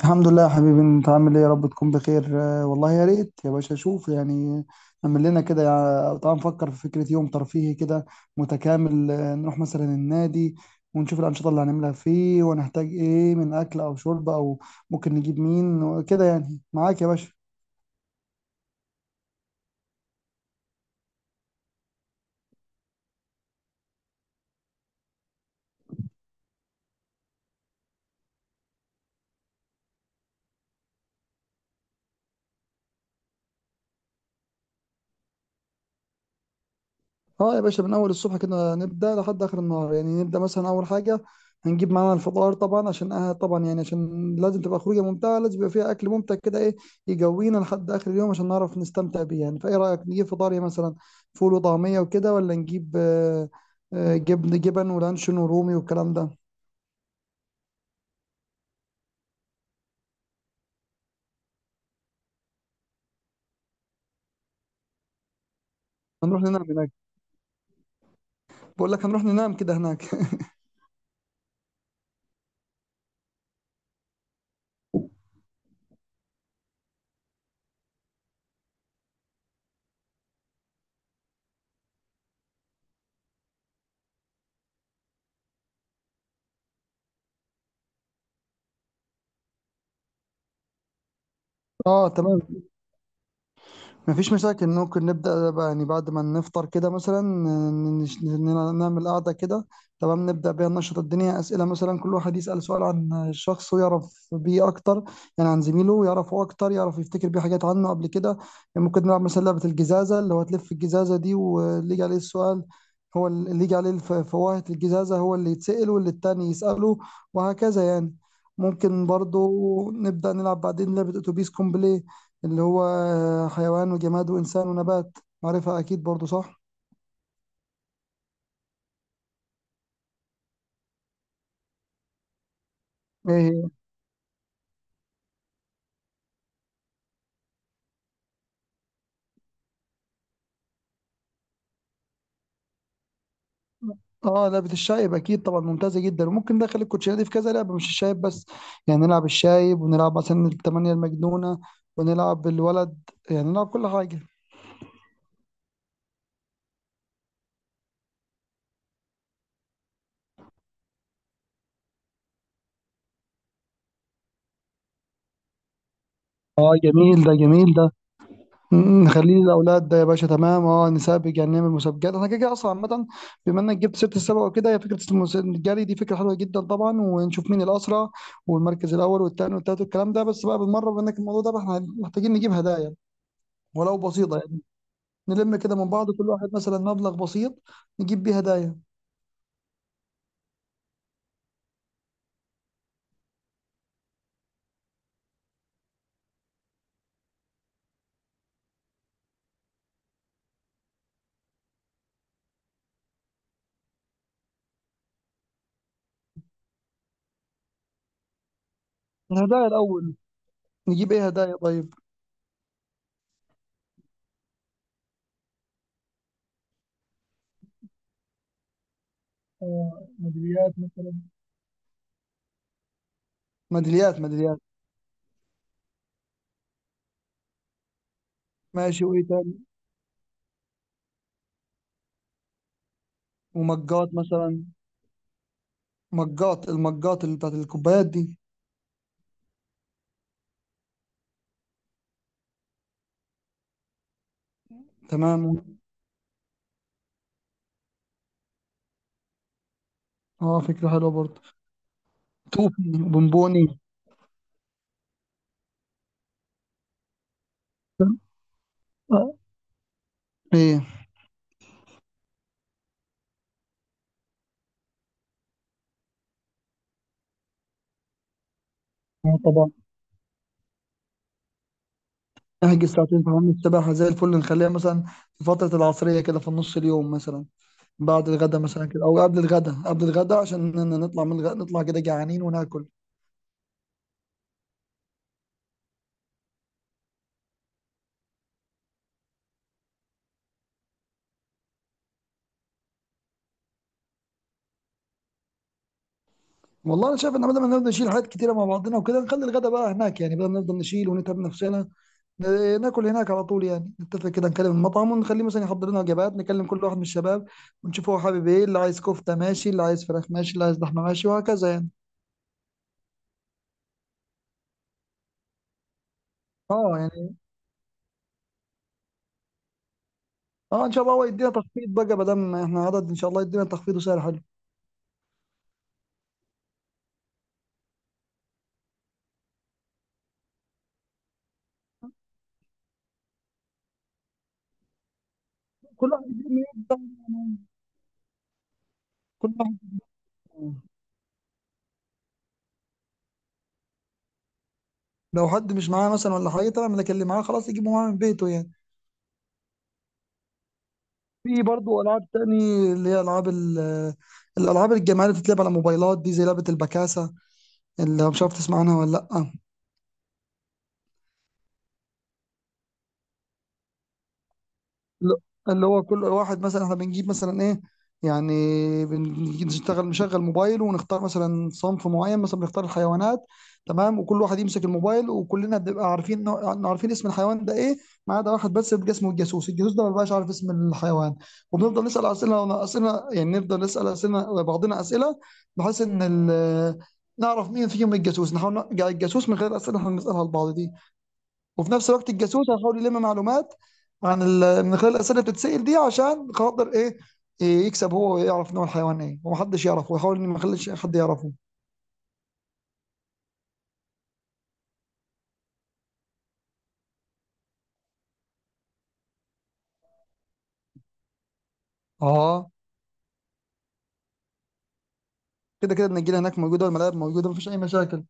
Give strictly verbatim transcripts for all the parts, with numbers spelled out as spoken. الحمد لله يا حبيبي، انت عامل ايه؟ يا رب تكون بخير. آه، والله يا ريت يا باشا. شوف يعني اعمل لنا كده، يعني تعال نفكر في فكرة يوم ترفيهي كده متكامل. آه، نروح مثلا النادي ونشوف الأنشطة اللي هنعملها فيه، ونحتاج ايه من أكل أو شرب، أو ممكن نجيب مين كده يعني معاك يا باشا. اه يا باشا، من اول الصبح كده نبدا لحد اخر النهار. يعني نبدا مثلا اول حاجه هنجيب معانا الفطار طبعا، عشان آه طبعا يعني عشان لازم تبقى خروجه ممتعه، لازم يبقى فيها اكل ممتع كده ايه يجوينا لحد اخر اليوم عشان نعرف نستمتع بيه يعني. فايه رايك نجيب فطار إيه مثلا؟ فول وطعميه وكده، ولا نجيب آه آه جبن جبن ولانشون ورومي والكلام ده؟ هنروح ننام هناك. بقول لك هنروح ننام كده هناك اه تمام، مفيش مشاكل. ممكن نبدأ بقى يعني بعد ما نفطر كده مثلا ن- نش- ن- نعمل قعدة كده. تمام، نبدأ بيها ننشط الدنيا. أسئلة مثلا، كل واحد يسأل سؤال عن الشخص ويعرف بيه أكتر، يعني عن زميله يعرفه أكتر، يعرف يفتكر بيه حاجات عنه قبل كده. يعني ممكن نلعب مثلا لعبة الجزازة، اللي هو تلف الجزازة دي واللي يجي عليه السؤال، هو اللي يجي عليه الف- فواهة الجزازة هو اللي يتسأل، واللي التاني يسأله، وهكذا يعني. ممكن برضو نبدأ نلعب بعدين لعبة أتوبيس كومبلي، اللي هو حيوان وجماد وإنسان ونبات. عارفها أكيد برضو صح؟ إيه هي؟ اه لعبة الشايب، أكيد طبعا، ممتازة جدا. وممكن ندخل الكوتشينة دي في كذا لعبة، مش الشايب بس. يعني نلعب الشايب، ونلعب مثلا التمانية المجنونة، ونلعب الولد، يعني نلعب كل حاجة. اه جميل ده، جميل ده. مم، نخليه للاولاد ده يا باشا. تمام، اه نسابق، يعني نعمل مسابقات. انا كده كده اصلا عامه، بما انك جبت سيره السباق وكده، هي فكره المس- الجري دي فكره حلوه جدا طبعا. ونشوف مين الاسرع، والمركز الاول والثاني والثالث والكلام ده. بس بقى بالمره، بما انك الموضوع ده، احنا محتاجين نجيب هدايا ولو بسيطه يعني. نلم كده من بعض، كل واحد مثلا مبلغ بسيط نجيب بيه هدايا. الهدايا الاول، نجيب ايه هدايا طيب؟ آه، ميداليات مثلا. ميداليات، ميداليات، ماشي. وايه تاني؟ ومجات مثلا. مجات، المجات اللي بتاعت الكوبايات دي. تمام. اه فكرة حلوة برضه. توفي، بونبوني. آه، ايه؟ اه طبعا. احجز ساعتين في حمام السباحة زي الفل. نخليها مثلا في فترة العصرية كده، في نص اليوم مثلا، بعد الغدا مثلا كده، او قبل الغدا، قبل الغدا عشان ن- نطلع من الغدا نطلع كده جعانين وناكل. والله انا شايف ان بدل ما نفضل نشيل حاجات كتيره مع بعضنا وكده، نخلي الغدا بقى هناك يعني. بدل ما نفضل نشيل ونتعب نفسنا، آه، ناكل هناك على طول يعني. نتفق كده، نكلم المطعم ونخليه مثلا يحضر لنا وجبات، نكلم كل واحد من الشباب ونشوف هو حابب ايه، اللي عايز كفته ماشي، اللي عايز فراخ ماشي، اللي عايز لحمه ماشي، وهكذا يعني. اه يعني اه ان شاء الله هو يدينا تخفيض بقى، ما دام احنا عدد ان شاء الله يدينا تخفيض وسعر حلو. كل واحد يجيب من يده يعني، كل واحد. آه، لو حد مش معاه مثلا ولا حاجه تمام، لكن اللي كلم معاه خلاص يجيبه معاه من بيته يعني. في برضه العاب تاني، اللي هي العاب ال- الالعاب الجماعيه اللي بتتلعب على موبايلات دي، زي لعبه البكاسه. اللي مش عارف تسمع عنها ولا لا؟ ل- اللي هو كل واحد مثلا احنا بنجيب مثلا ايه يعني، بنجي نشتغل نشغل موبايل ونختار مثلا صنف معين، مثلا بنختار الحيوانات. تمام، وكل واحد يمسك الموبايل وكلنا بنبقى عارفين نوع- عارفين اسم الحيوان ده ايه، ما عدا واحد بس بيبقى اسمه الجاسوس. الجاسوس ده ما بيبقاش عارف اسم الحيوان، وبنفضل نسأل أسئلة أسئلة يعني، نفضل نسأل أسئلة بعضنا أسئلة، بحيث إن ال- نعرف مين فيهم الجاسوس. نحاول نرجع الجاسوس من غير الأسئلة اللي احنا بنسألها لبعض دي. وفي نفس الوقت الجاسوس هيحاول يلم معلومات عن ال... من خلال الاسئله اللي بتتسال دي، عشان خاطر ايه؟ إيه يكسب هو ويعرف نوع الحيوان ايه، ومحدش يعرفه، ويحاول ان ما يخليش حد يعرفه. اه كده كده النجيله هناك موجوده والملاعب موجوده، مفيش اي مشاكل.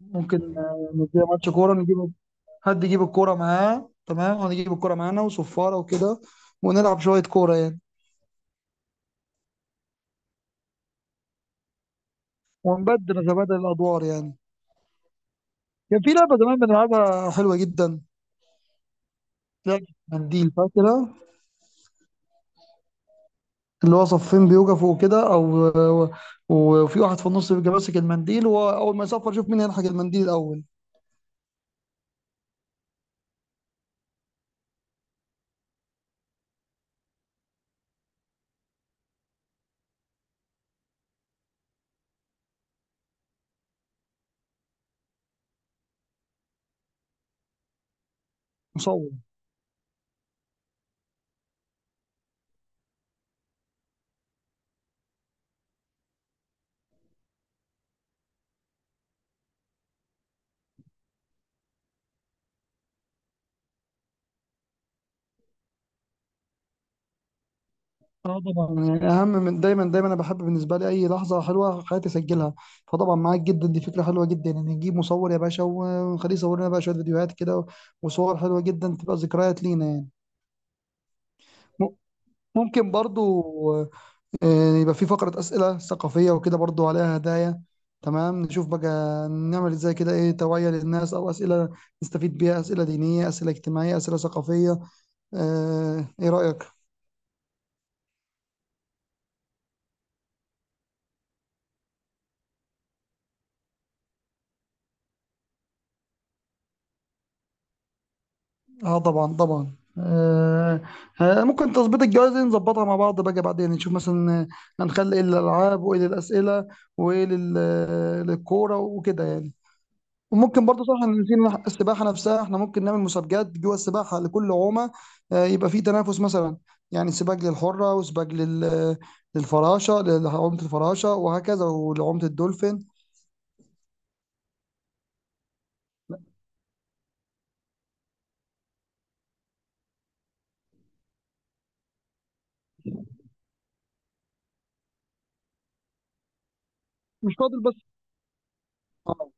ممكن آه، نديها ماتش كوره. نجيب حد يجيب الكوره معاه، تمام، ونجيب الكوره معانا وصفاره وكده، ونلعب شويه كوره يعني. ونبدل نتبادل الادوار يعني. كان في لعبه زمان بنلعبها حلوه جدا، لعبه منديل، فاكرها؟ اللي هو صفين بيوقفوا كده، او وفي واحد في النص بيبقى ماسك المنديل، واول ما يصفر شوف مين هيلحق المنديل الاول. مصور. اه طبعا. يعني اهم من دايما، دايما انا بحب بالنسبه لي اي لحظه حلوه في حياتي اسجلها. فطبعا معاك جدا، دي فكره حلوه جدا، ان يعني نجيب مصور يا باشا ونخليه يصور لنا بقى شويه فيديوهات كده وصور حلوه جدا، تبقى ذكريات لينا يعني. م- ممكن برضو آه، يبقى في فقرة أسئلة ثقافية وكده، برضو عليها هدايا. تمام نشوف بقى نعمل ازاي كده، ايه توعية للناس أو أسئلة نستفيد بيها، أسئلة دينية، أسئلة اجتماعية، أسئلة ثقافية. آه، ايه رأيك؟ اه طبعا، طبعا. آه آه، ممكن تظبيط الجواز دي نظبطها مع بعض بقى، بعدين نشوف مثلا آه، هنخلي ايه للألعاب، وايه للأسئلة، وايه لل- للكورة وكده يعني. وممكن برضه صح إن في نح- السباحه نفسها احنا ممكن نعمل مسابقات جوه السباحه لكل عومه. آه، يبقى في تنافس مثلا، يعني سباق للحره، وسباق لل للفراشه، لعومه الفراشه، وهكذا، ولعومه الدولفين. مش فاضل بس. اه.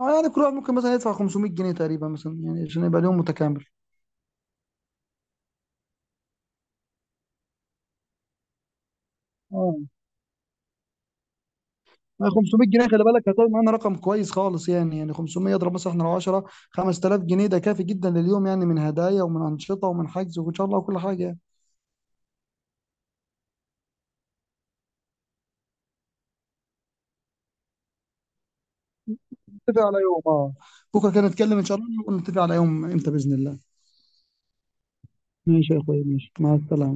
آه، يعني كل واحد ممكن مثلا يدفع خمسمائة جنيه تقريبا مثلا، يعني عشان يبقى اليوم متكامل. اه يعني خمسمية جنيه، خلي بالك هتلاقي معانا رقم كويس خالص. يعني يعني خمسمية اضرب مثلا احنا لو عشرة، خمستلاف جنيه ده كافي جدا لليوم يعني، من هدايا ومن انشطه ومن حجز وان شاء الله وكل حاجه يعني. نتفق على يوم. اه بكره كده نتكلم ان شاء الله، ونتفق على يوم امتى باذن الله. ماشي يا اخويا، ماشي، مع السلامه.